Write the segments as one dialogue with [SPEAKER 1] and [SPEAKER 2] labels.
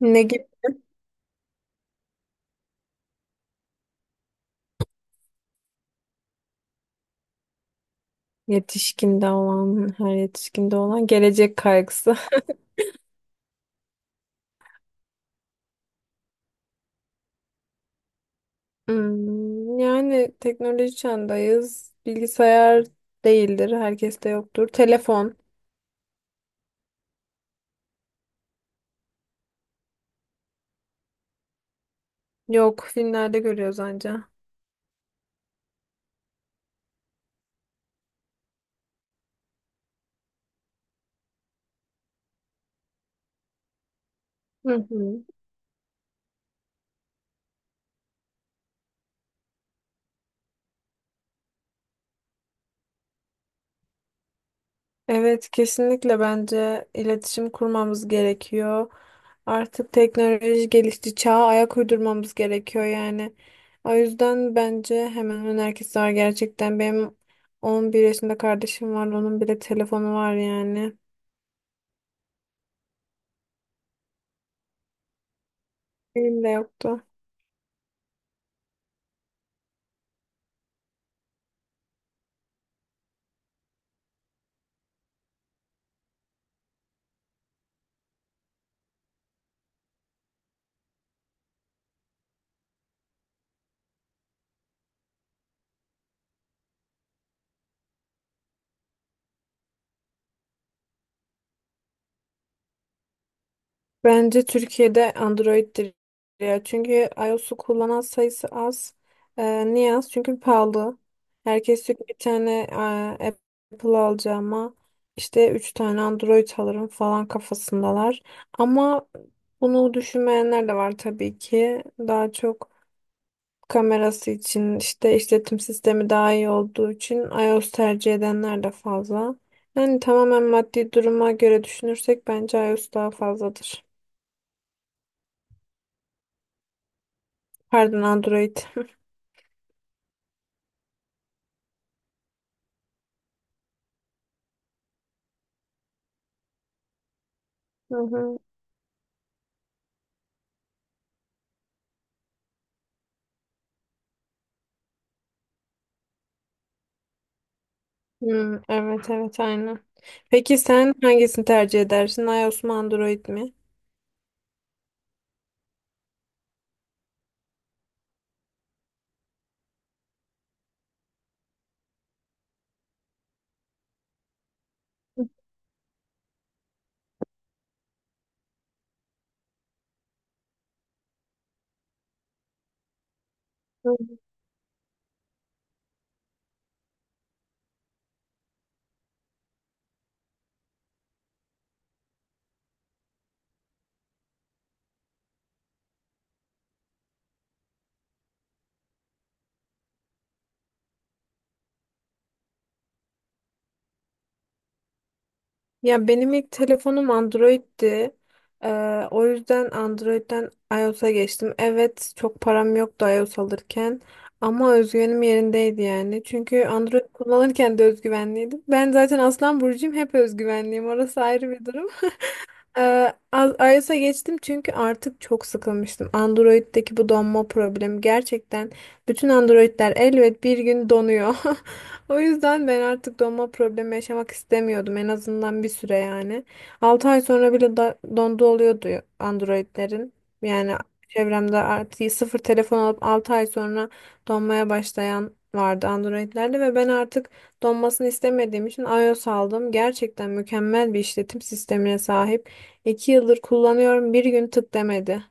[SPEAKER 1] Ne gibi? Her yetişkinde olan gelecek kaygısı. Yani teknoloji çağındayız. Bilgisayar değildir, herkeste yoktur. Telefon yok, filmlerde görüyoruz anca. Hı hı. Evet, kesinlikle bence iletişim kurmamız gerekiyor. Artık teknoloji gelişti, çağa ayak uydurmamız gerekiyor yani. O yüzden bence hemen hemen herkes var gerçekten. Benim 11 yaşında kardeşim var, onun bile telefonu var yani. Benim de yoktu. Bence Türkiye'de Android'dir ya. Çünkü iOS'u kullanan sayısı az. Niye az? Çünkü pahalı. Herkes diyor ki bir tane e, Apple alacağıma işte üç tane Android alırım falan kafasındalar. Ama bunu düşünmeyenler de var tabii ki. Daha çok kamerası için işte işletim sistemi daha iyi olduğu için iOS tercih edenler de fazla. Yani tamamen maddi duruma göre düşünürsek bence iOS daha fazladır. Pardon Android. Hı hı. Evet evet aynen. Peki sen hangisini tercih edersin? iOS mu Android mi? Ya benim ilk telefonum Android'ti. Ee, o yüzden Android'den iOS'a geçtim. Evet, çok param yoktu iOS alırken ama özgüvenim yerindeydi yani. Çünkü Android kullanırken de özgüvenliydim. Ben zaten Aslan burcuyum, hep özgüvenliyim. Orası ayrı bir durum. iOS'a geçtim çünkü artık çok sıkılmıştım. Android'deki bu donma problemi gerçekten bütün Android'ler elbet bir gün donuyor. O yüzden ben artık donma problemi yaşamak istemiyordum en azından bir süre yani. 6 ay sonra bile da dondu oluyordu Android'lerin. Yani çevremde artık sıfır telefon alıp 6 ay sonra donmaya başlayan vardı Android'lerde ve ben artık donmasını istemediğim için iOS aldım. Gerçekten mükemmel bir işletim sistemine sahip. 2 yıldır kullanıyorum bir gün tık demedi.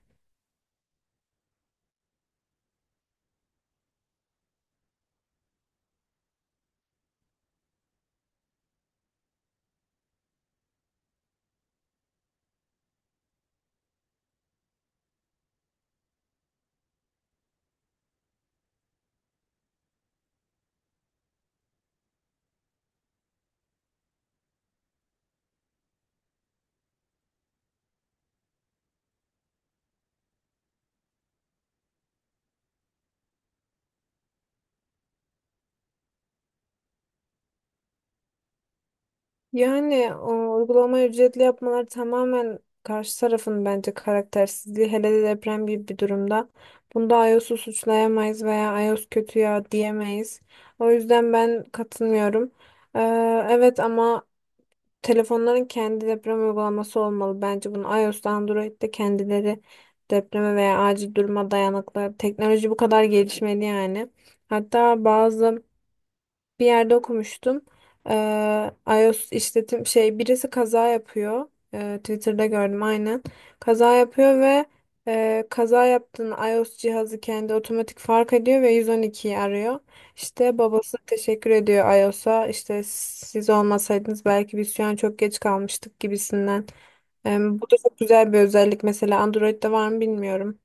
[SPEAKER 1] Yani o uygulamayı ücretli yapmalar tamamen karşı tarafın bence karaktersizliği hele de deprem gibi bir durumda. Bunda iOS'u suçlayamayız veya iOS kötü ya diyemeyiz. O yüzden ben katılmıyorum. Ee, evet ama telefonların kendi deprem uygulaması olmalı. Bence bunu iOS'ta Android'de kendileri depreme veya acil duruma dayanıklı. Teknoloji bu kadar gelişmeli yani. Hatta bir yerde okumuştum. iOS işletim şey birisi kaza yapıyor. Twitter'da gördüm aynen. Kaza yapıyor ve kaza yaptığını iOS cihazı kendi otomatik fark ediyor ve 112'yi arıyor. İşte babası teşekkür ediyor iOS'a. İşte siz olmasaydınız belki biz şu an çok geç kalmıştık gibisinden. Bu da çok güzel bir özellik. Mesela Android'de var mı bilmiyorum.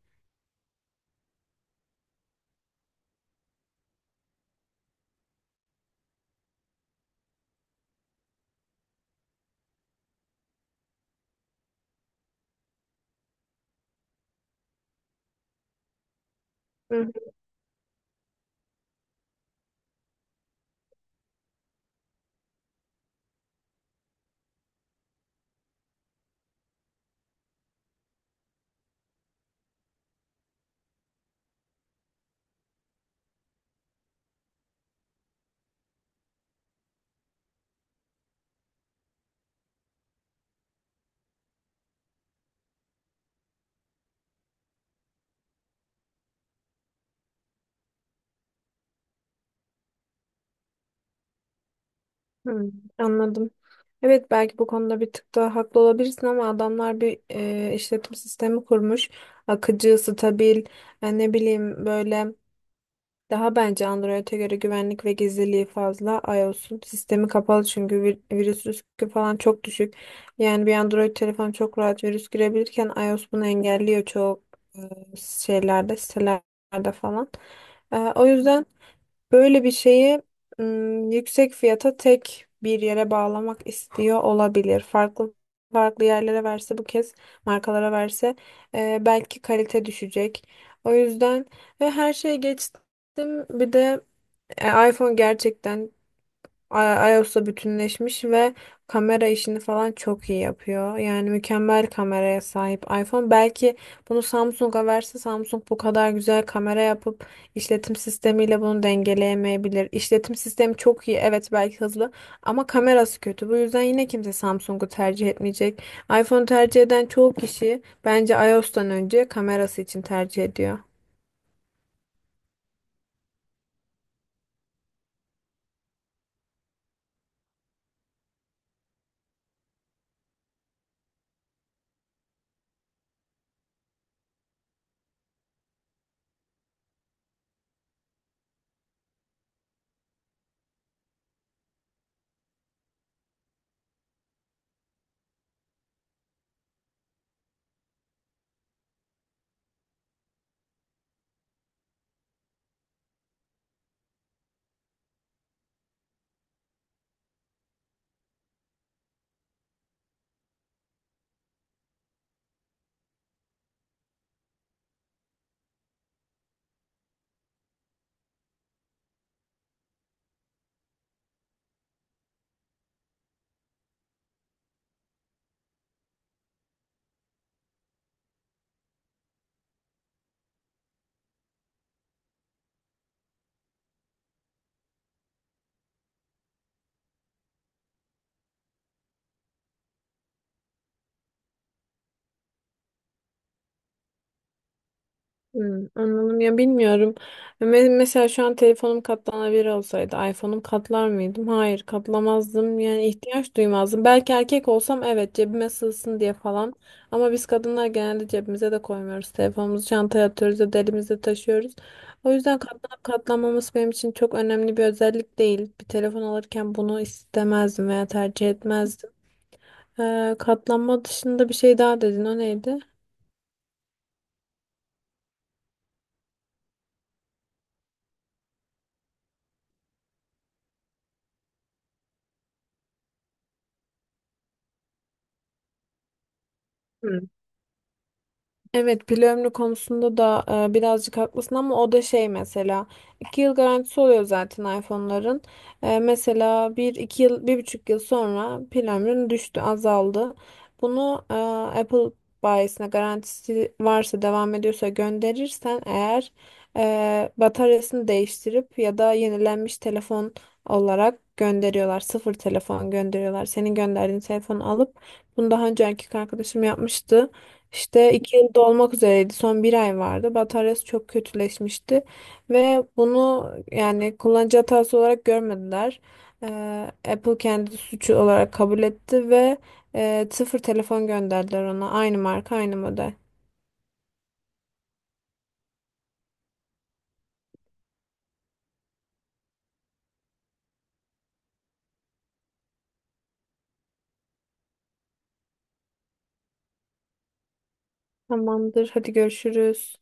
[SPEAKER 1] Hmm, anladım. Evet belki bu konuda bir tık daha haklı olabilirsin ama adamlar bir işletim sistemi kurmuş. Akıcı, stabil, ne bileyim böyle daha bence Android'e göre güvenlik ve gizliliği fazla. iOS'un sistemi kapalı çünkü virüs riski falan çok düşük. Yani bir Android telefon çok rahat virüs girebilirken iOS bunu engelliyor çoğu şeylerde, sitelerde falan. O yüzden böyle bir şeyi yüksek fiyata tek bir yere bağlamak istiyor olabilir. Farklı farklı yerlere verse bu kez markalara verse belki kalite düşecek. O yüzden ve her şeye geçtim. Bir de iPhone gerçekten I- iOS'la bütünleşmiş ve kamera işini falan çok iyi yapıyor. Yani mükemmel kameraya sahip iPhone. Belki bunu Samsung'a verse Samsung bu kadar güzel kamera yapıp işletim sistemiyle bunu dengeleyemeyebilir. İşletim sistemi çok iyi, evet belki hızlı ama kamerası kötü. Bu yüzden yine kimse Samsung'u tercih etmeyecek. iPhone tercih eden çoğu kişi bence iOS'tan önce kamerası için tercih ediyor. Anladım ya bilmiyorum. Mesela şu an telefonum katlanabilir olsaydı iPhone'um katlar mıydım? Hayır katlamazdım yani ihtiyaç duymazdım. Belki erkek olsam evet cebime sığsın diye falan. Ama biz kadınlar genelde cebimize de koymuyoruz. Telefonumuzu çantaya atıyoruz ya da elimizde taşıyoruz. O yüzden katlanıp katlanmaması benim için çok önemli bir özellik değil. Bir telefon alırken bunu istemezdim veya tercih etmezdim. Katlanma dışında bir şey daha dedin. O neydi? Hmm. Evet pil ömrü konusunda da birazcık haklısın ama o da şey mesela 2 yıl garantisi oluyor zaten iPhone'ların. Mesela bir iki yıl 1,5 yıl sonra pil ömrün düştü azaldı. Bunu Apple bayisine garantisi varsa devam ediyorsa gönderirsen eğer bataryasını değiştirip ya da yenilenmiş telefon olarak gönderiyorlar. Sıfır telefon gönderiyorlar. Senin gönderdiğin telefonu alıp bunu daha önce erkek arkadaşım yapmıştı. İşte 2 yıl dolmak üzereydi. Son bir ay vardı. Bataryası çok kötüleşmişti. Ve bunu yani kullanıcı hatası olarak görmediler. Ee, Apple kendi suçu olarak kabul etti ve sıfır telefon gönderdiler ona. Aynı marka, aynı model. Tamamdır. Hadi görüşürüz.